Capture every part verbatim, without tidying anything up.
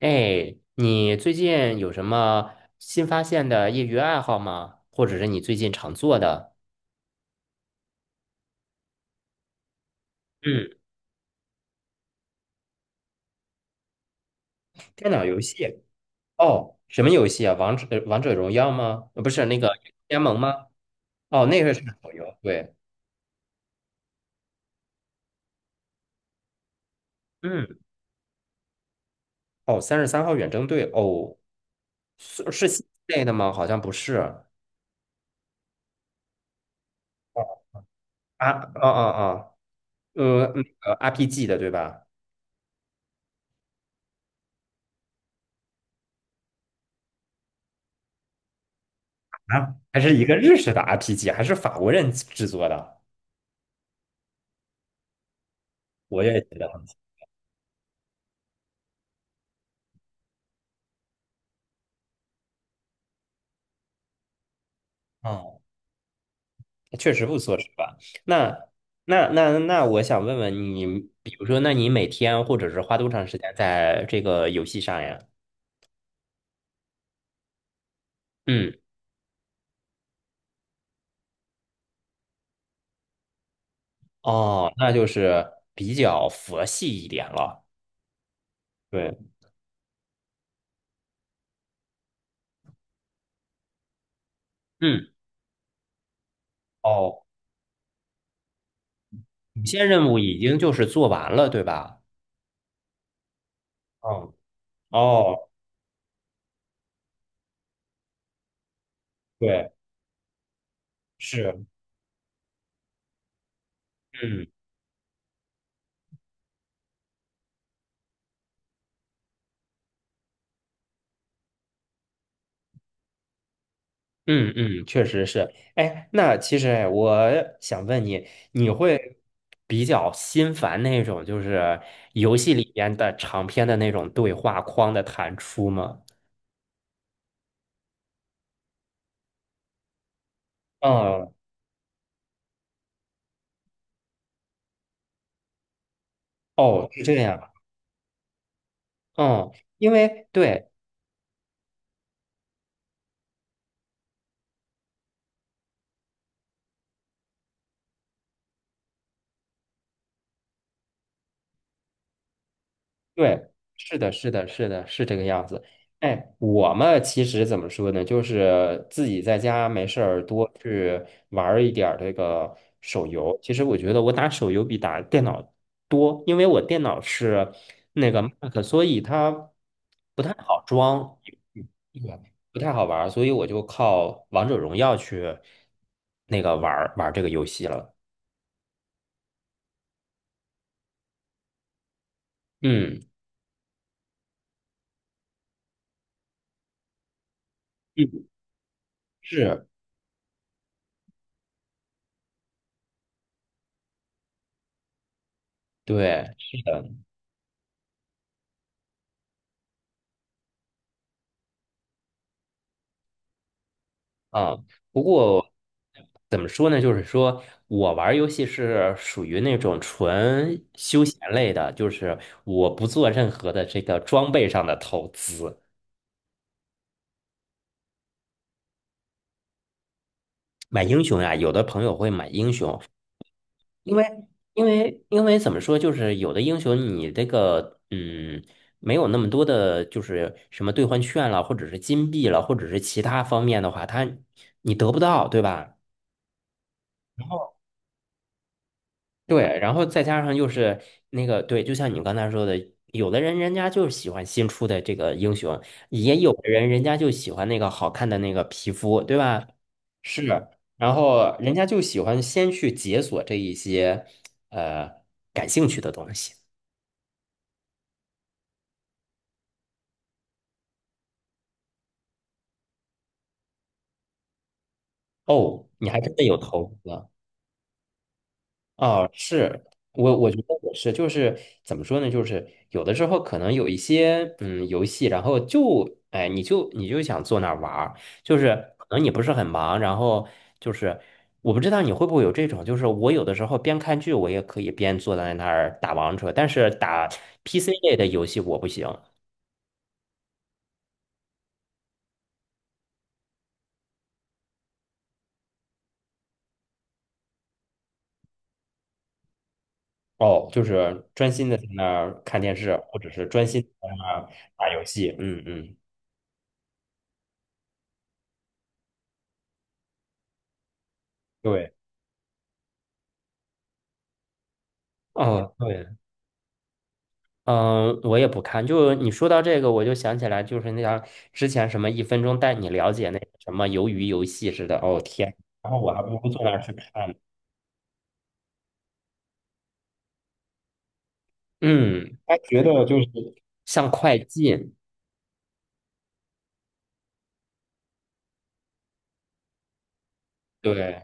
哎，你最近有什么新发现的业余爱好吗？或者是你最近常做的？嗯，电脑游戏。哦，什么游戏啊？王者呃王者荣耀吗？呃不是那个联盟吗？哦，那个是手游。对，嗯，哦，三十三号远征队。哦，是是新类的吗？好像不是。啊，哦哦哦，呃，那个 R P G 的对吧？啊，还是一个日式的 R P G，还是法国人制作的？我也觉得很。确实不错，是吧？那那那那，我想问问你，比如说，那你每天或者是花多长时间在这个游戏上呀？嗯，哦，那就是比较佛系一点了。对，嗯，哦，有些任务已经就是做完了，对吧？嗯，哦，对，是，嗯。嗯嗯，确实是。哎，那其实哎，我想问你，你会比较心烦那种就是游戏里边的长篇的那种对话框的弹出吗？嗯，哦，是这样。嗯，因为对，对，是的，是的，是的，是这个样子。哎，我嘛，其实怎么说呢，就是自己在家没事儿多去玩儿一点儿这个手游。其实我觉得我打手游比打电脑多，因为我电脑是那个 Mac,所以它不太好装，嗯对，不太好玩儿，所以我就靠王者荣耀去那个玩儿玩儿这个游戏了。嗯嗯，是，对。啊，不过怎么说呢？就是说我玩儿游戏是属于那种纯休闲类的，就是我不做任何的这个装备上的投资。买英雄呀，有的朋友会买英雄，因为因为因为怎么说，就是有的英雄你这个嗯没有那么多的，就是什么兑换券了，或者是金币了，或者是其他方面的话，他你得不到，对吧？对，然后再加上又是那个，对，就像你刚才说的，有的人人家就是喜欢新出的这个英雄，也有的人人家就喜欢那个好看的那个皮肤，对吧？是，然后人家就喜欢先去解锁这一些呃感兴趣的东西。哦，你还真的有投资。哦，是我，我觉得也是，就是怎么说呢，就是有的时候可能有一些嗯游戏，然后就哎，你就你就想坐那儿玩儿，就是可能你不是很忙，然后就是我不知道你会不会有这种，就是我有的时候边看剧，我也可以边坐在那儿打王者，但是打 P C 类的游戏我不行哦，就是专心的在那儿看电视，或者是专心地在那儿打游戏，嗯嗯，对，哦，对。嗯，我也不看。就你说到这个，我就想起来，就是那样之前什么一分钟带你了解那个什么鱿鱼游戏似的。哦天，然后我还不如坐那儿去看呢。嗯，他觉得就是像快进，对，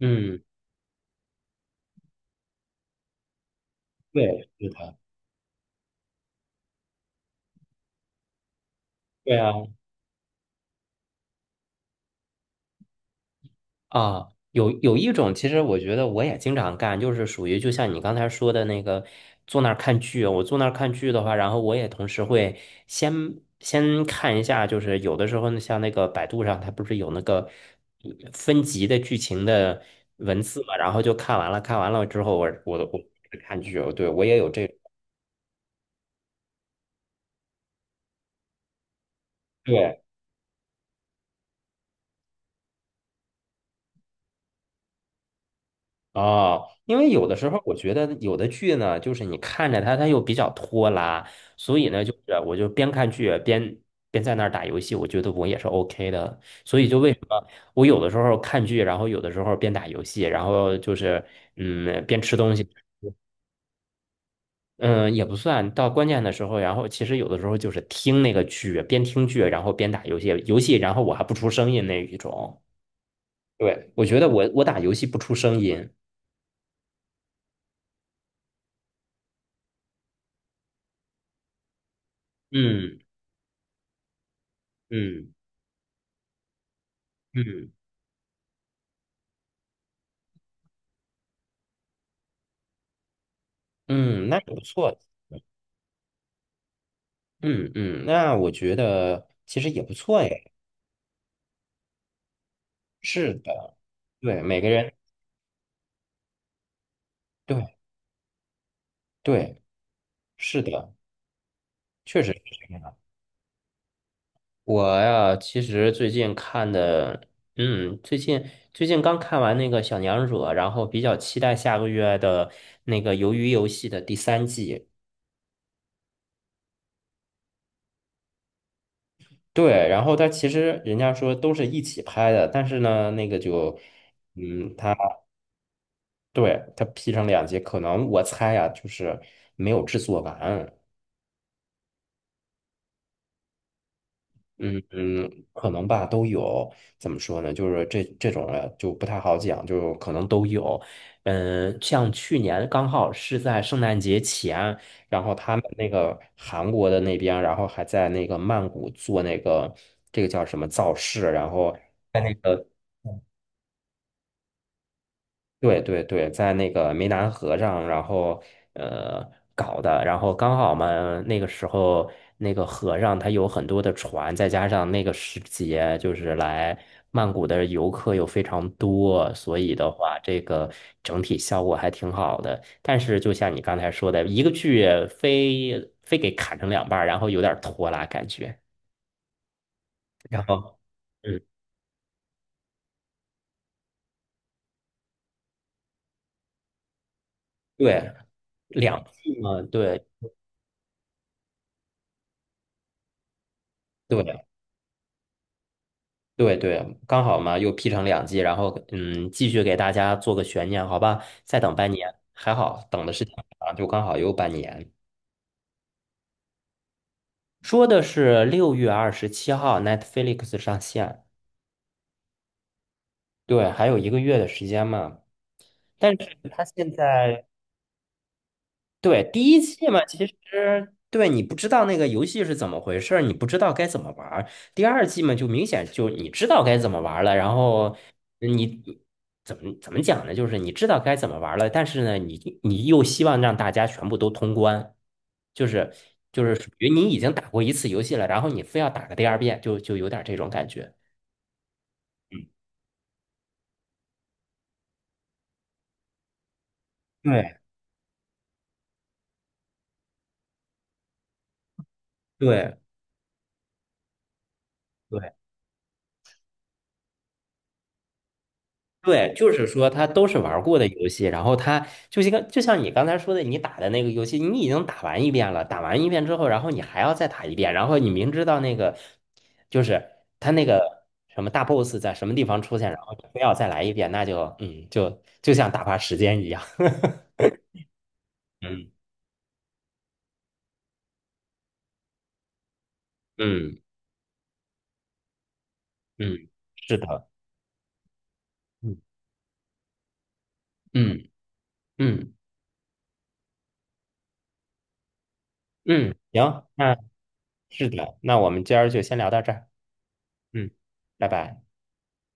嗯，对，是他，对啊。啊，有有一种，其实我觉得我也经常干，就是属于就像你刚才说的那个，坐那儿看剧。我坐那儿看剧的话，然后我也同时会先先看一下，就是有的时候呢，像那个百度上，它不是有那个嗯分级的剧情的文字嘛，然后就看完了，看完了之后我，我我我看剧，对，我也有这，对，哦，因为有的时候我觉得有的剧呢，就是你看着它，它又比较拖拉，所以呢，就是我就边看剧边边在那儿打游戏，我觉得我也是 OK 的。所以就为什么我有的时候看剧，然后有的时候边打游戏，然后就是嗯边吃东西，嗯也不算到关键的时候，然后其实有的时候就是听那个剧，边听剧然后边打游戏，游戏然后我还不出声音那一种。对，我觉得我我打游戏不出声音。嗯嗯嗯。嗯，那也不错。嗯嗯，那我觉得其实也不错哎。是的，对，每个人，对对，是的，确实是这样。我呀，其实最近看的，嗯，最近最近刚看完那个《小娘惹》，然后比较期待下个月的那个《鱿鱼游戏》的第三季。对，然后它其实人家说都是一起拍的，但是呢，那个就，嗯，它对它劈成两集，可能我猜呀，就是没有制作完。嗯嗯，可能吧，都有。怎么说呢？就是这这种啊，就不太好讲，就可能都有。嗯，像去年刚好是在圣诞节前，然后他们那个韩国的那边，然后还在那个曼谷做那个这个叫什么造势，然后在那个对对对，在那个湄南河上，然后呃搞的，然后刚好嘛，那个时候那个河上它有很多的船，再加上那个时节，就是来曼谷的游客又非常多，所以的话，这个整体效果还挺好的。但是就像你刚才说的，一个剧非非给砍成两半儿，然后有点拖拉感觉。然后，嗯，对，两季嘛，对对。对对，刚好嘛，又劈成两季，然后嗯，继续给大家做个悬念，好吧？再等半年，还好等的是挺长，就刚好有半年。说的是六月二十七号 Netflix 上线，对，还有一个月的时间嘛。但是它现在对，第一季嘛，其实对你不知道那个游戏是怎么回事儿，你不知道该怎么玩儿。第二季嘛，就明显就你知道该怎么玩儿了，然后你怎么怎么讲呢？就是你知道该怎么玩儿了，但是呢，你你又希望让大家全部都通关，就是就是属于你已经打过一次游戏了，然后你非要打个第二遍，就就有点这种感觉。嗯，对对对。对，就是说它都是玩过的游戏，然后它就一个，就像你刚才说的，你打的那个游戏，你已经打完一遍了，打完一遍之后，然后你还要再打一遍，然后你明知道那个就是他那个什么大 boss 在什么地方出现，然后你非要再来一遍，那就嗯，就就像打发时间一样。嗯嗯嗯，是的，嗯嗯嗯嗯，行，那是的，那我们今儿就先聊到这儿，嗯，拜拜。